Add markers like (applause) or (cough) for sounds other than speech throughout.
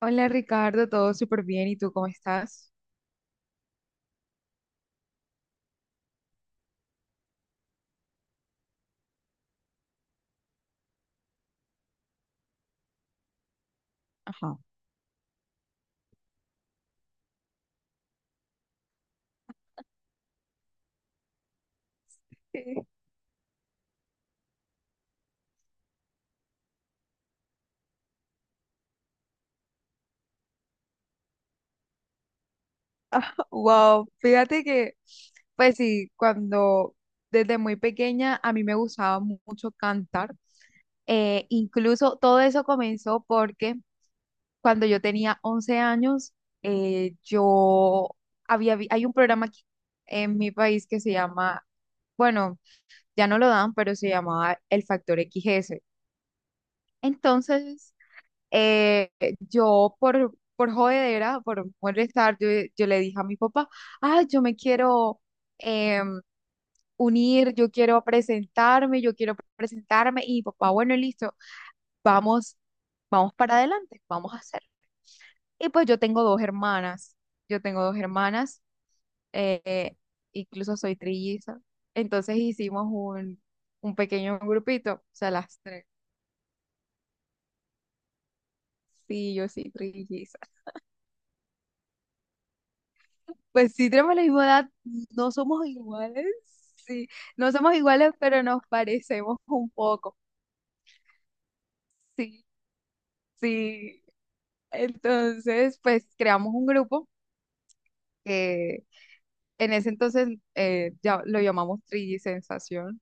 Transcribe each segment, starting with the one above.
Hola Ricardo, todo súper bien. ¿Y tú cómo estás? Ajá. Wow, (laughs) fíjate que, pues sí, cuando desde muy pequeña a mí me gustaba mucho cantar. Incluso todo eso comenzó porque cuando yo tenía 11 años, yo hay un programa aquí en mi país que se llama, bueno, ya no lo dan, pero se llamaba El Factor XS. Entonces, eh, yo por jodedera, por molestar, yo le dije a mi papá, ah, yo me quiero em, unir, yo quiero presentarme, yo quiero presentarme. Y mi papá, bueno, listo, vamos, vamos para adelante, vamos a hacer. Y pues yo tengo dos hermanas, yo tengo dos hermanas, eh, incluso soy trilliza. Entonces hicimos un pequeño grupito, o sea, las tres. Sí, yo sí, trilliza. Pues sí, tenemos la misma edad, no somos iguales, sí, no somos iguales, pero nos parecemos un poco, sí, sí. Entonces, pues creamos un grupo que en ese entonces ya lo llamamos 3D Sensación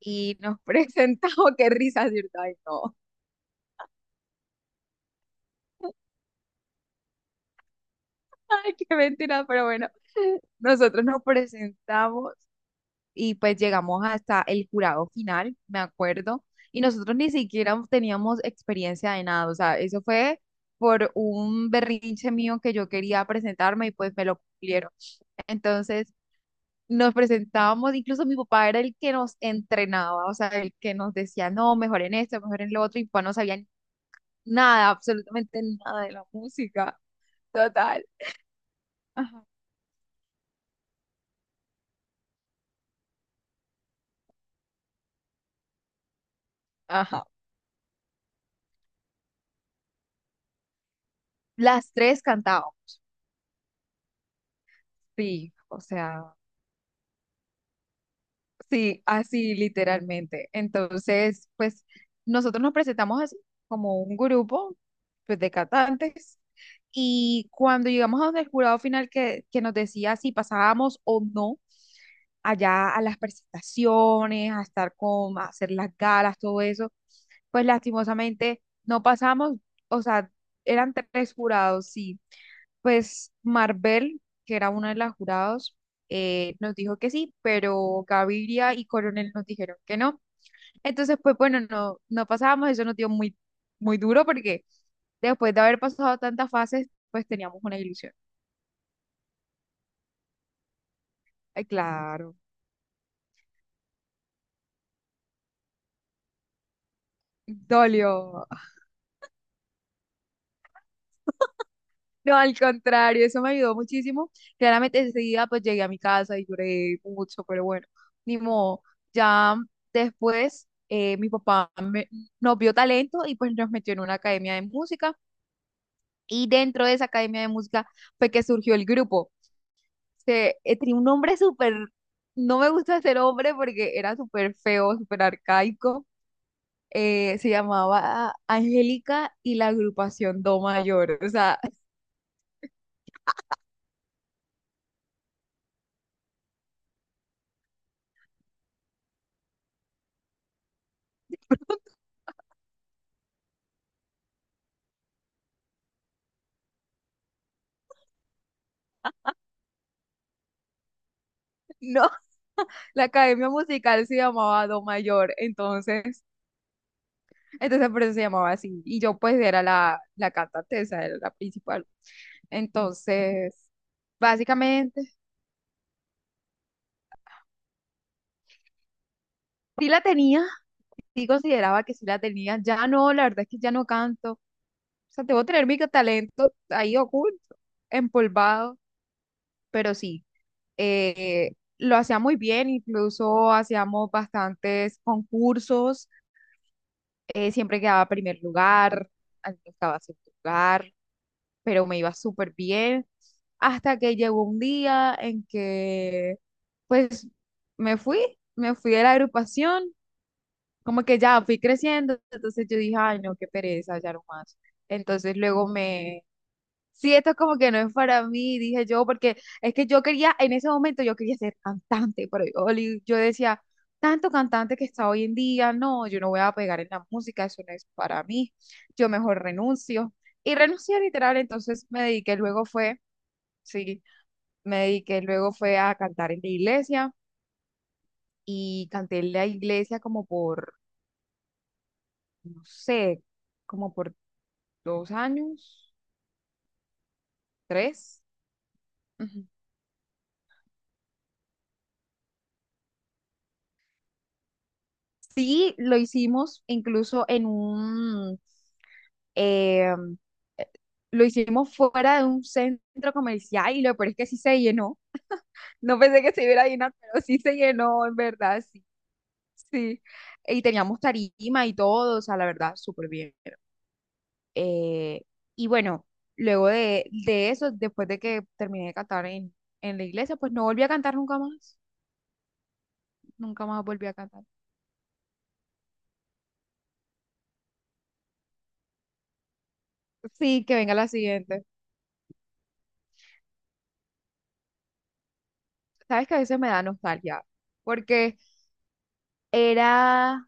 y nos (laughs) presentamos, oh, qué risa, ¿cierto? Ay, no, (laughs) ay, qué mentira, pero bueno, nosotros nos presentamos y pues llegamos hasta el jurado final, me acuerdo, y nosotros ni siquiera teníamos experiencia de nada, o sea, eso fue por un berrinche mío que yo quería presentarme y pues me lo cumplieron. Entonces nos presentábamos, incluso mi papá era el que nos entrenaba, o sea, el que nos decía, no, mejor en esto, mejor en lo otro, y mi papá no sabía nada, absolutamente nada de la música, total. Ajá. Ajá. Las tres cantábamos, sí, o sea. Sí, así literalmente. Entonces, pues nosotros nos presentamos así como un grupo pues, de cantantes y cuando llegamos a donde el jurado final que nos decía si pasábamos o no allá a las presentaciones, a estar con, a hacer las galas, todo eso, pues lastimosamente no pasamos, o sea, eran tres jurados, sí, pues Marvel, que era una de las jurados, nos dijo que sí, pero Gaviria y Coronel nos dijeron que no. Entonces, pues bueno, no, no pasábamos, eso nos dio muy, muy duro porque después de haber pasado tantas fases, pues teníamos una ilusión. Ay, claro, dolió. No, al contrario, eso me ayudó muchísimo. Claramente enseguida pues llegué a mi casa y lloré mucho, pero bueno, ni modo. Ya después mi nos vio talento y pues nos metió en una academia de música y dentro de esa academia de música fue que surgió el grupo. Tenía un nombre súper, no me gusta ser hombre porque era súper feo, súper arcaico. Se llamaba Angélica y la agrupación Do Mayor. O sea, (laughs) no. La academia musical se llamaba Do Mayor, entonces, entonces por eso se llamaba así. Y yo pues era la cantante, esa era la principal. Entonces, básicamente, sí la tenía, sí consideraba que sí la tenía. Ya no, la verdad es que ya no canto. O sea, debo tener mi talento ahí oculto, empolvado, pero sí, lo hacía muy bien, incluso hacíamos bastantes concursos, siempre quedaba primer lugar, algunos quedaba segundo lugar pero me iba súper bien. Hasta que llegó un día en que, pues, me fui, me fui de la agrupación, como que ya fui creciendo, entonces yo dije, ay, no, qué pereza, ya no más. Entonces sí, esto es como que no es para mí, dije yo, porque es que yo quería, en ese momento yo quería ser cantante, pero yo decía, tanto cantante que está hoy en día, no, yo no voy a pegar en la música, eso no es para mí, yo mejor renuncio. Y renuncié literal, entonces me dediqué luego fue, sí, me dediqué luego fue a cantar en la iglesia y canté en la iglesia como por, no sé, como por 2 años, tres. Sí, lo hicimos incluso en eh, lo hicimos fuera de un centro comercial y lo peor es que sí se llenó. No pensé que se iba a llenar, pero sí se llenó, en verdad, sí, sí. Y teníamos tarima y todo, o sea, la verdad, súper bien. Eh, y bueno, luego de eso, después de que terminé de cantar en la iglesia, pues no volví a cantar nunca más. Nunca más volví a cantar. Sí, que venga la siguiente. Sabes que a veces me da nostalgia, porque era,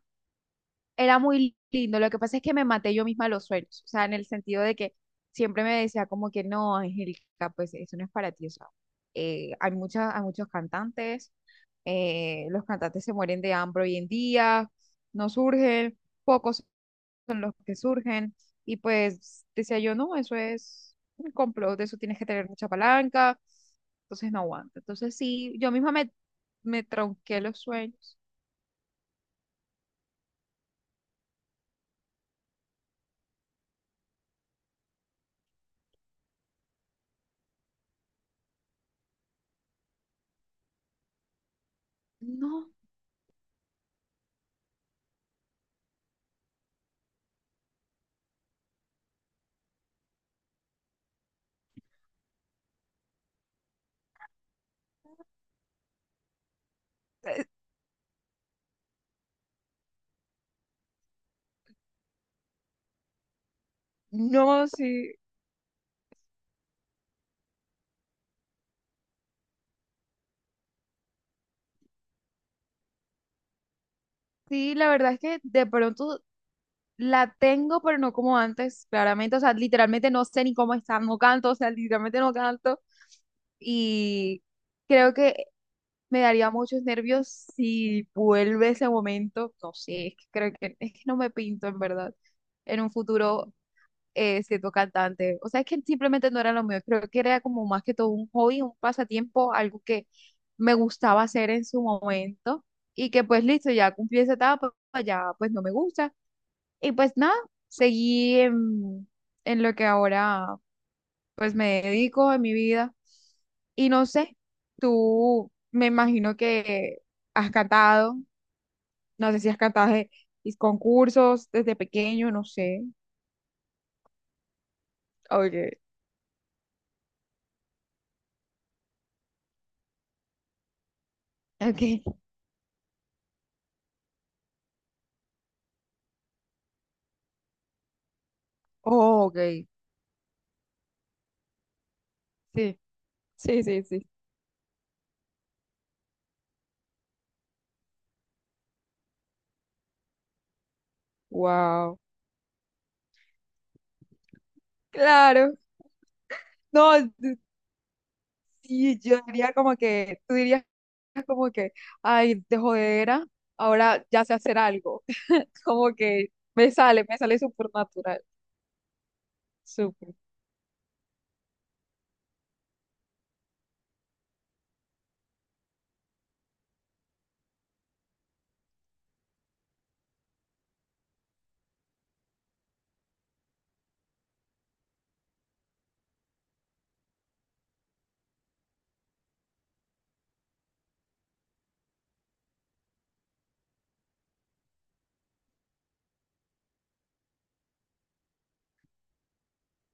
era muy lindo. Lo que pasa es que me maté yo misma los sueños. O sea, en el sentido de que siempre me decía como que no, Angélica, pues eso no es para ti. O sea, hay muchos cantantes. Los cantantes se mueren de hambre hoy en día. No surgen. Pocos son los que surgen. Y pues decía yo, no, eso es un complot. De eso tienes que tener mucha palanca. Entonces no aguanta. Entonces sí, me tronqué los sueños. No. No, sí, sí, la verdad es que de pronto la tengo, pero no como antes, claramente, o sea, literalmente no sé ni cómo está, no canto, o sea, literalmente no canto y creo que me daría muchos nervios si vuelve ese momento, no sé, es que creo que es que no me pinto en verdad en un futuro siendo cantante. O sea, es que simplemente no era lo mío. Creo que era como más que todo un hobby, un pasatiempo, algo que me gustaba hacer en su momento y que pues listo, ya cumplí esa etapa, pues, ya pues no me gusta. Y pues nada, seguí en lo que ahora pues me dedico en mi vida. Y no sé, tú me imagino que has cantado, no sé si has cantado en concursos desde pequeño, no sé. Oye, okay. (laughs) Oh, ok. Sí, sí, sí, sí. Wow. Claro. No, d- sí, yo diría como que, tú dirías como que, ay, de jodera, ahora ya sé hacer algo. (laughs) Como que me sale súper natural. Súper.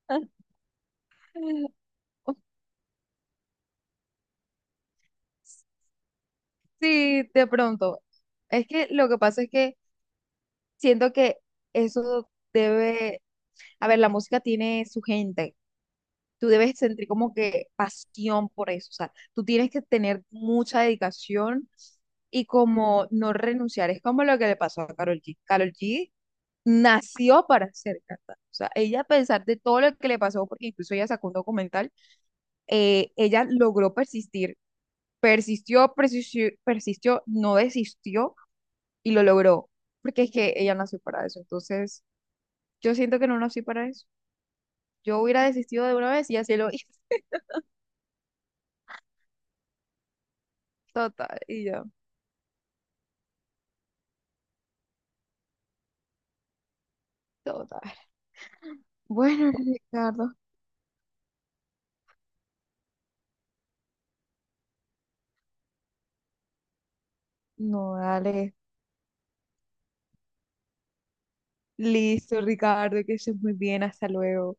(laughs) Sí, de pronto. Es que lo que pasa es que siento que eso debe, a ver, la música tiene su gente. Tú debes sentir como que pasión por eso, o sea, tú tienes que tener mucha dedicación y como no renunciar, es como lo que le pasó a Karol G. Karol G nació para ser cantante, o sea, ella a pesar de todo lo que le pasó, porque incluso ella sacó un documental, ella logró persistir, persistió, persistió, persistió, no desistió y lo logró, porque es que ella nació para eso, entonces yo siento que no nací para eso. Yo hubiera desistido de una vez y así lo hice. (laughs) Total, y ya, total. Bueno, Ricardo. No, dale. Listo, Ricardo, que estés muy bien. Hasta luego.